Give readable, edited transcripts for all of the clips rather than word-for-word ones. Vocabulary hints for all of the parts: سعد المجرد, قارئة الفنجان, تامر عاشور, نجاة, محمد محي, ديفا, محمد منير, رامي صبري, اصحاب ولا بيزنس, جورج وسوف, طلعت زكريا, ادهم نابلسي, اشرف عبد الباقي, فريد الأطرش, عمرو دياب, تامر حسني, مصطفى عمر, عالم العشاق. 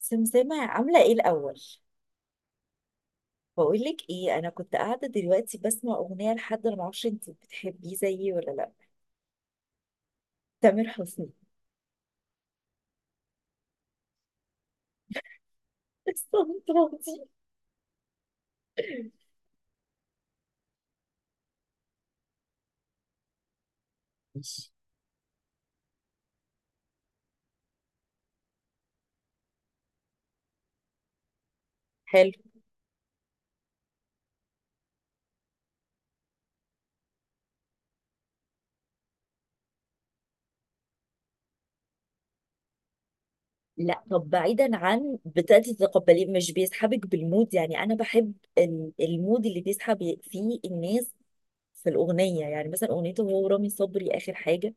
سمسمة عاملة ايه الأول؟ بقولك ايه، أنا كنت قاعدة دلوقتي بسمع أغنية لحد، أنا معرفش انتي بتحبيه زيي ولا لأ. تامر حسني. استنطاطي. ماشي. حلو. لا طب بعيدا عن بتأتي تتقبليه، مش بيسحبك بالمود؟ يعني أنا بحب المود اللي بيسحب فيه الناس في الأغنية، يعني مثلا أغنيته هو رامي صبري آخر حاجة.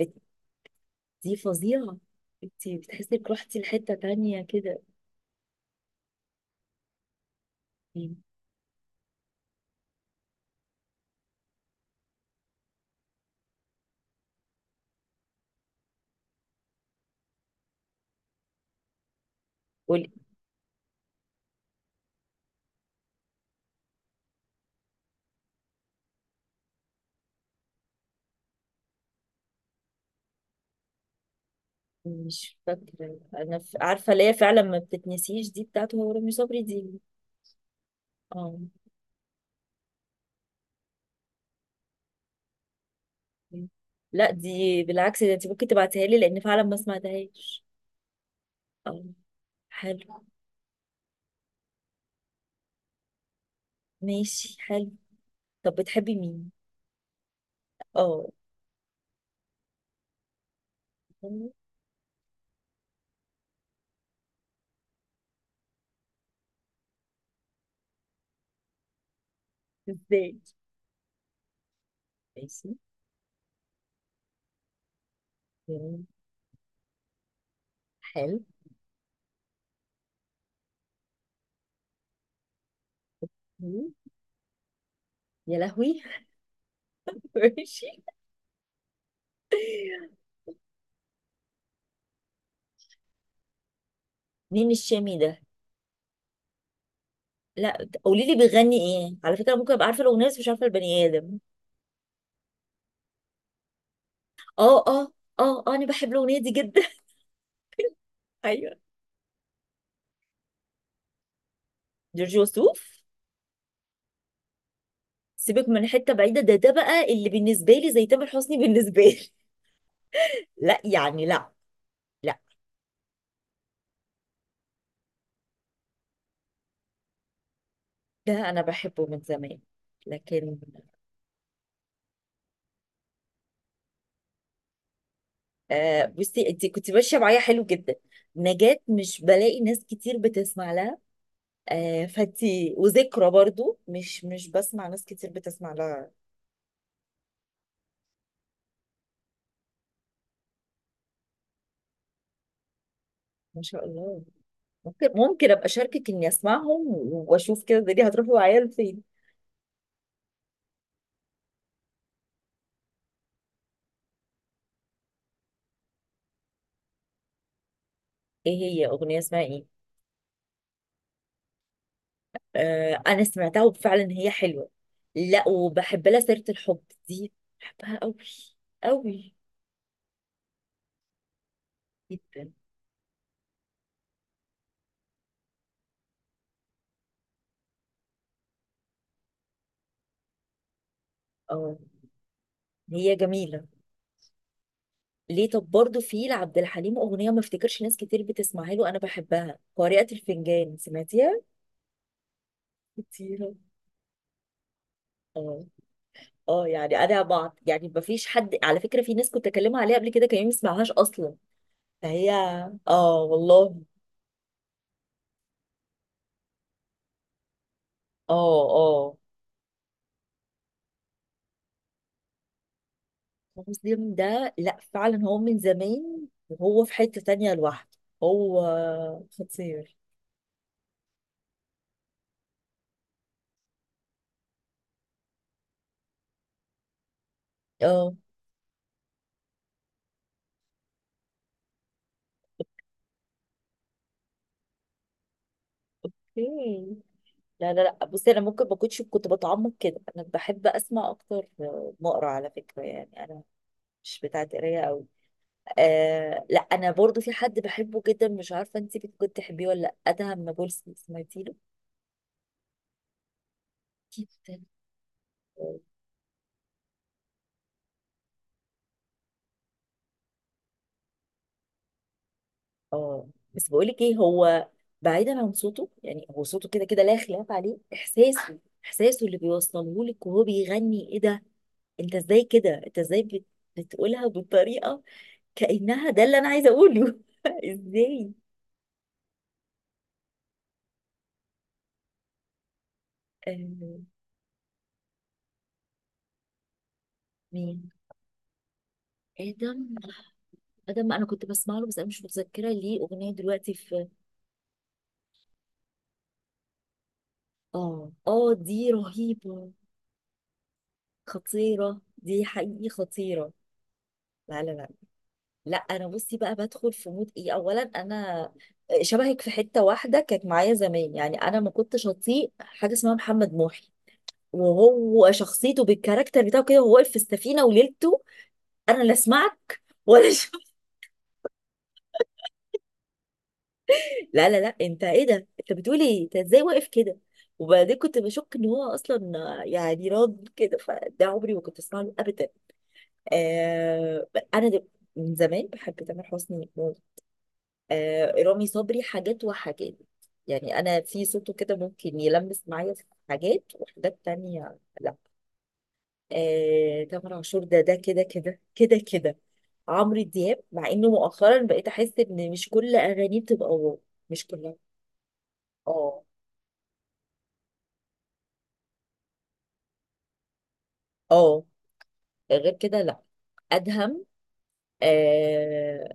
بت- دي فظيعة. انتي بتحسي انك رحتي لحتة تانية كده. قولي. مش فاكرة أنا عارفة ليا فعلا، ما بتتنسيش دي، بتاعته هو رامي صبري دي. اه. لا دي بالعكس، ده انت ممكن تبعتها لي، لأن فعلا ما سمعتهاش. اه. حلو. ماشي حلو. طب بتحبي مين؟ اه. ازاي؟ ماشي. جميل. حلو. مم. يا لهوي. ماشي. مين الشامي ده؟ لا قولي لي بيغني ايه؟ على فكرة ممكن ابقى عارفة الأغنية بس مش عارفة البني آدم. اه اه. اه اه انا بحب الأغنية دي جدا. ايوه. جورج وسوف. سيبك من حته بعيده، ده ده بقى اللي بالنسبه لي زي تامر حسني بالنسبه لي. لا يعني لا. لا. ده انا بحبه من زمان، لكن... آه بصي، انت كنت ماشيه معايا حلو جدا. نجاة مش بلاقي ناس كتير بتسمع لها. آه فانتي وذكرى برضو مش بسمع ناس كتير بتسمع لها. ما شاء الله. ممكن ممكن ابقى اشاركك اني اسمعهم، واشوف كده الدنيا هتروح معايا لفين. ايه هي اغنيه اسمها ايه؟ انا سمعتها وفعلا هي حلوه. لا وبحب لها سيره الحب، دي بحبها قوي. قوي. جدا. اه. هي جميله. ليه طب برضه في لعبد الحليم اغنيه ما افتكرش ناس كتير بتسمعها له، انا بحبها: قارئة الفنجان، سمعتيها؟ خطيرة. اه. اه يعني انا بعض، يعني ما فيش حد، على فكره في ناس كنت اكلمها عليها قبل كده كان ما يسمعهاش اصلا، فهي... اه والله. اه. اه. مسلم ده لا فعلا، هو من زمان وهو في حتة تانية لوحده هو. خطير. اه. اوكي. لا لا لا بصي، انا ممكن ما كنتش كنت بتعمق كده، انا بحب اسمع اكتر ما اقرا على فكرة، يعني انا مش بتاعت قرايه قوي. آه لا انا برضو في حد بحبه جدا، مش عارفه انت كنت تحبيه ولا لا: ادهم نابلسي، سمعتي له؟ جدا. اه. بس بقولك ايه، هو بعيدا عن صوته، يعني هو صوته كده كده لا خلاف عليه، احساسه... احساسه اللي بيوصله لك وهو بيغني ايه ده. انت ازاي كده، انت ازاي بتقولها بالطريقه كانها ده اللي انا عايزه اقوله ازاي. آه... مين؟ ادم. ادم انا كنت بسمع له بس انا مش متذكره ليه اغنيه دلوقتي في. اه اه دي رهيبه. خطيره دي، حقيقي خطيره. لا لا لا. لا انا بصي بقى، بدخل في مود ايه، اولا انا شبهك في حته واحده، كانت معايا زمان، يعني انا ما كنتش اطيق حاجه اسمها محمد محي، وهو شخصيته بالكاركتر بتاعه كده، وهو واقف في السفينه وليلته، انا لا اسمعك ولا شو. لا لا لا انت ايه ده، انت بتقول ايه، انت ازاي واقف كده؟ وبعدين كنت بشك ان هو اصلا يعني راض كده، فده عمري ما كنت اسمع له ابدا. آه. انا دل- من زمان بحب تامر حسني. آه رامي صبري حاجات وحاجات. يعني انا في صوته كده ممكن يلمس معايا في حاجات، وحاجات تانية لا. آه تامر عاشور ده ده كده كده كده كده. عمرو دياب مع انه مؤخرا بقيت احس ان مش كل اغانيه بتبقى واو، مش كلها. اه. اه. غير كده لا. ادهم. آه.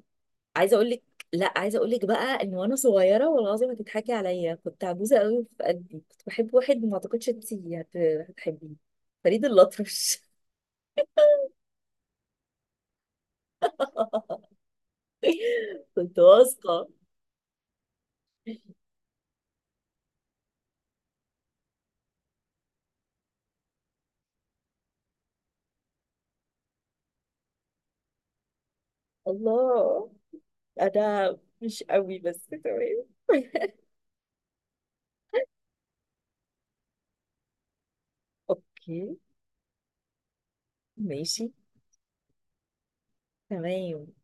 عايزه اقول لك... لا عايزه اقول لك بقى ان وانا صغيره، والله العظيم هتضحكي عليا، كنت عجوزه قوي في قلبي، كنت بحب واحد ما اعتقدش انت هتحبيه: فريد الأطرش. كنت واثقه. الله. انا مش قوي بس تمام. اوكي. ماشي تمام.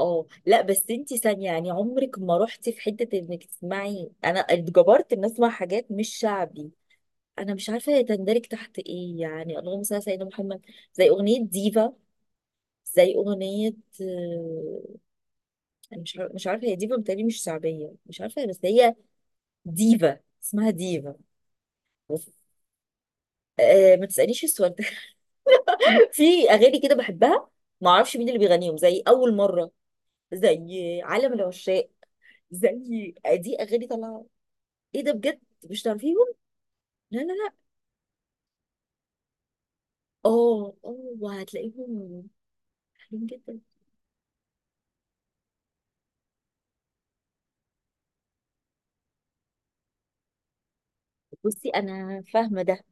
اه لا بس انتي ثانية، يعني عمرك ما رحتي في حتة انك تسمعي، انا اتجبرت ان اسمع حاجات مش شعبي، انا مش عارفه هي تندرج تحت ايه، يعني اللهم صل على سيدنا محمد. زي اغنيه ديفا، زي اغنيه... آه، أنا مش عارفه، مش عارفه هي ديفا، بتهيألي مش شعبيه، مش عارفه بس هي... ديفا، اسمها ديفا. بس. أه ما تسالنيش السؤال ده. في اغاني كده بحبها ما اعرفش مين اللي بيغنيهم، زي اول مره، زي عالم العشاق، زي... دي اغاني طالعه. ايه ده بجد. مش تعرفيهم؟ لا لا لا. اه اه. وهتلاقيهم حلوين جدا. بصي انا فاهمه ده.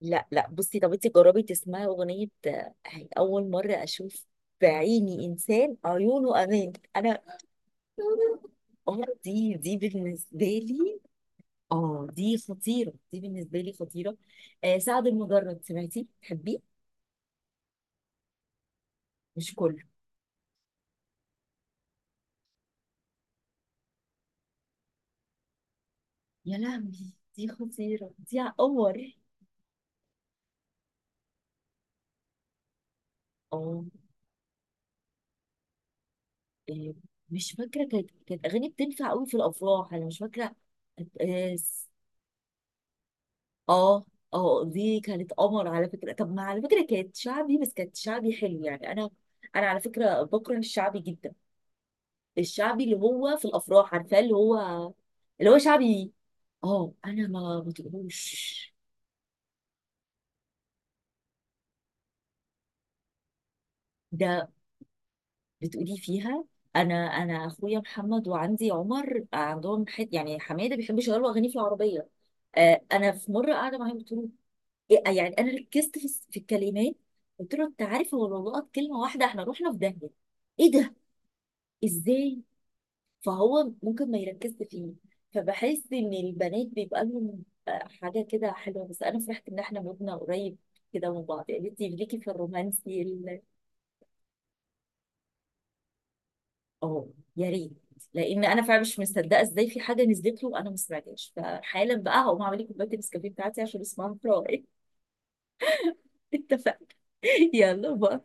لا لا بصي، طب انت جربي تسمعي اغنيه هي اول مره اشوف بعيني انسان عيونه امان، انا... اه دي دي بالنسبه لي، اه دي خطيره دي بالنسبه لي، خطيره. آه سعد المجرد، سمعتي تحبيه؟ مش كله. يا لهوي دي خطيره، دي على قمر. اه. آه، مش فاكره، كانت كانت اغاني بتنفع قوي في الافراح، انا مش فاكره. آه. اه. اه دي كانت قمر على فكره. طب ما على فكره كانت شعبي، بس كانت شعبي حلو، يعني انا انا على فكره بكره الشعبي جدا. الشعبي اللي هو في الافراح، عارفاه اللي هو... اللي هو شعبي. اه انا ما بتقولوش. ده بتقولي فيها: انا انا اخويا محمد وعندي عمر، عندهم حت، يعني حماده بيحب يشغلوا اغاني في العربيه. آه انا في مره قاعده معاهم قلت له إيه- يعني انا ركزت في في الكلمات، قلت له انت عارف هو لو لقط كلمه واحده احنا رحنا في داهيه. ايه ده؟ ازاي؟ فهو ممكن ما يركزش فيه. فبحس ان البنات بيبقى لهم حاجه كده حلوه. بس انا فرحت ان احنا مبنى قريب كده من بعض، يعني انت ليكي في الرومانسي اه. يا ريت. لان انا فعلا مش مصدقه ازاي في حاجه نزلت له انا ما سمعتهاش، فحالا بقى هقوم اعمل لي كوبايه النسكافيه بتاعتي عشان اسمعها في رواقي. اتفق. يلا باي.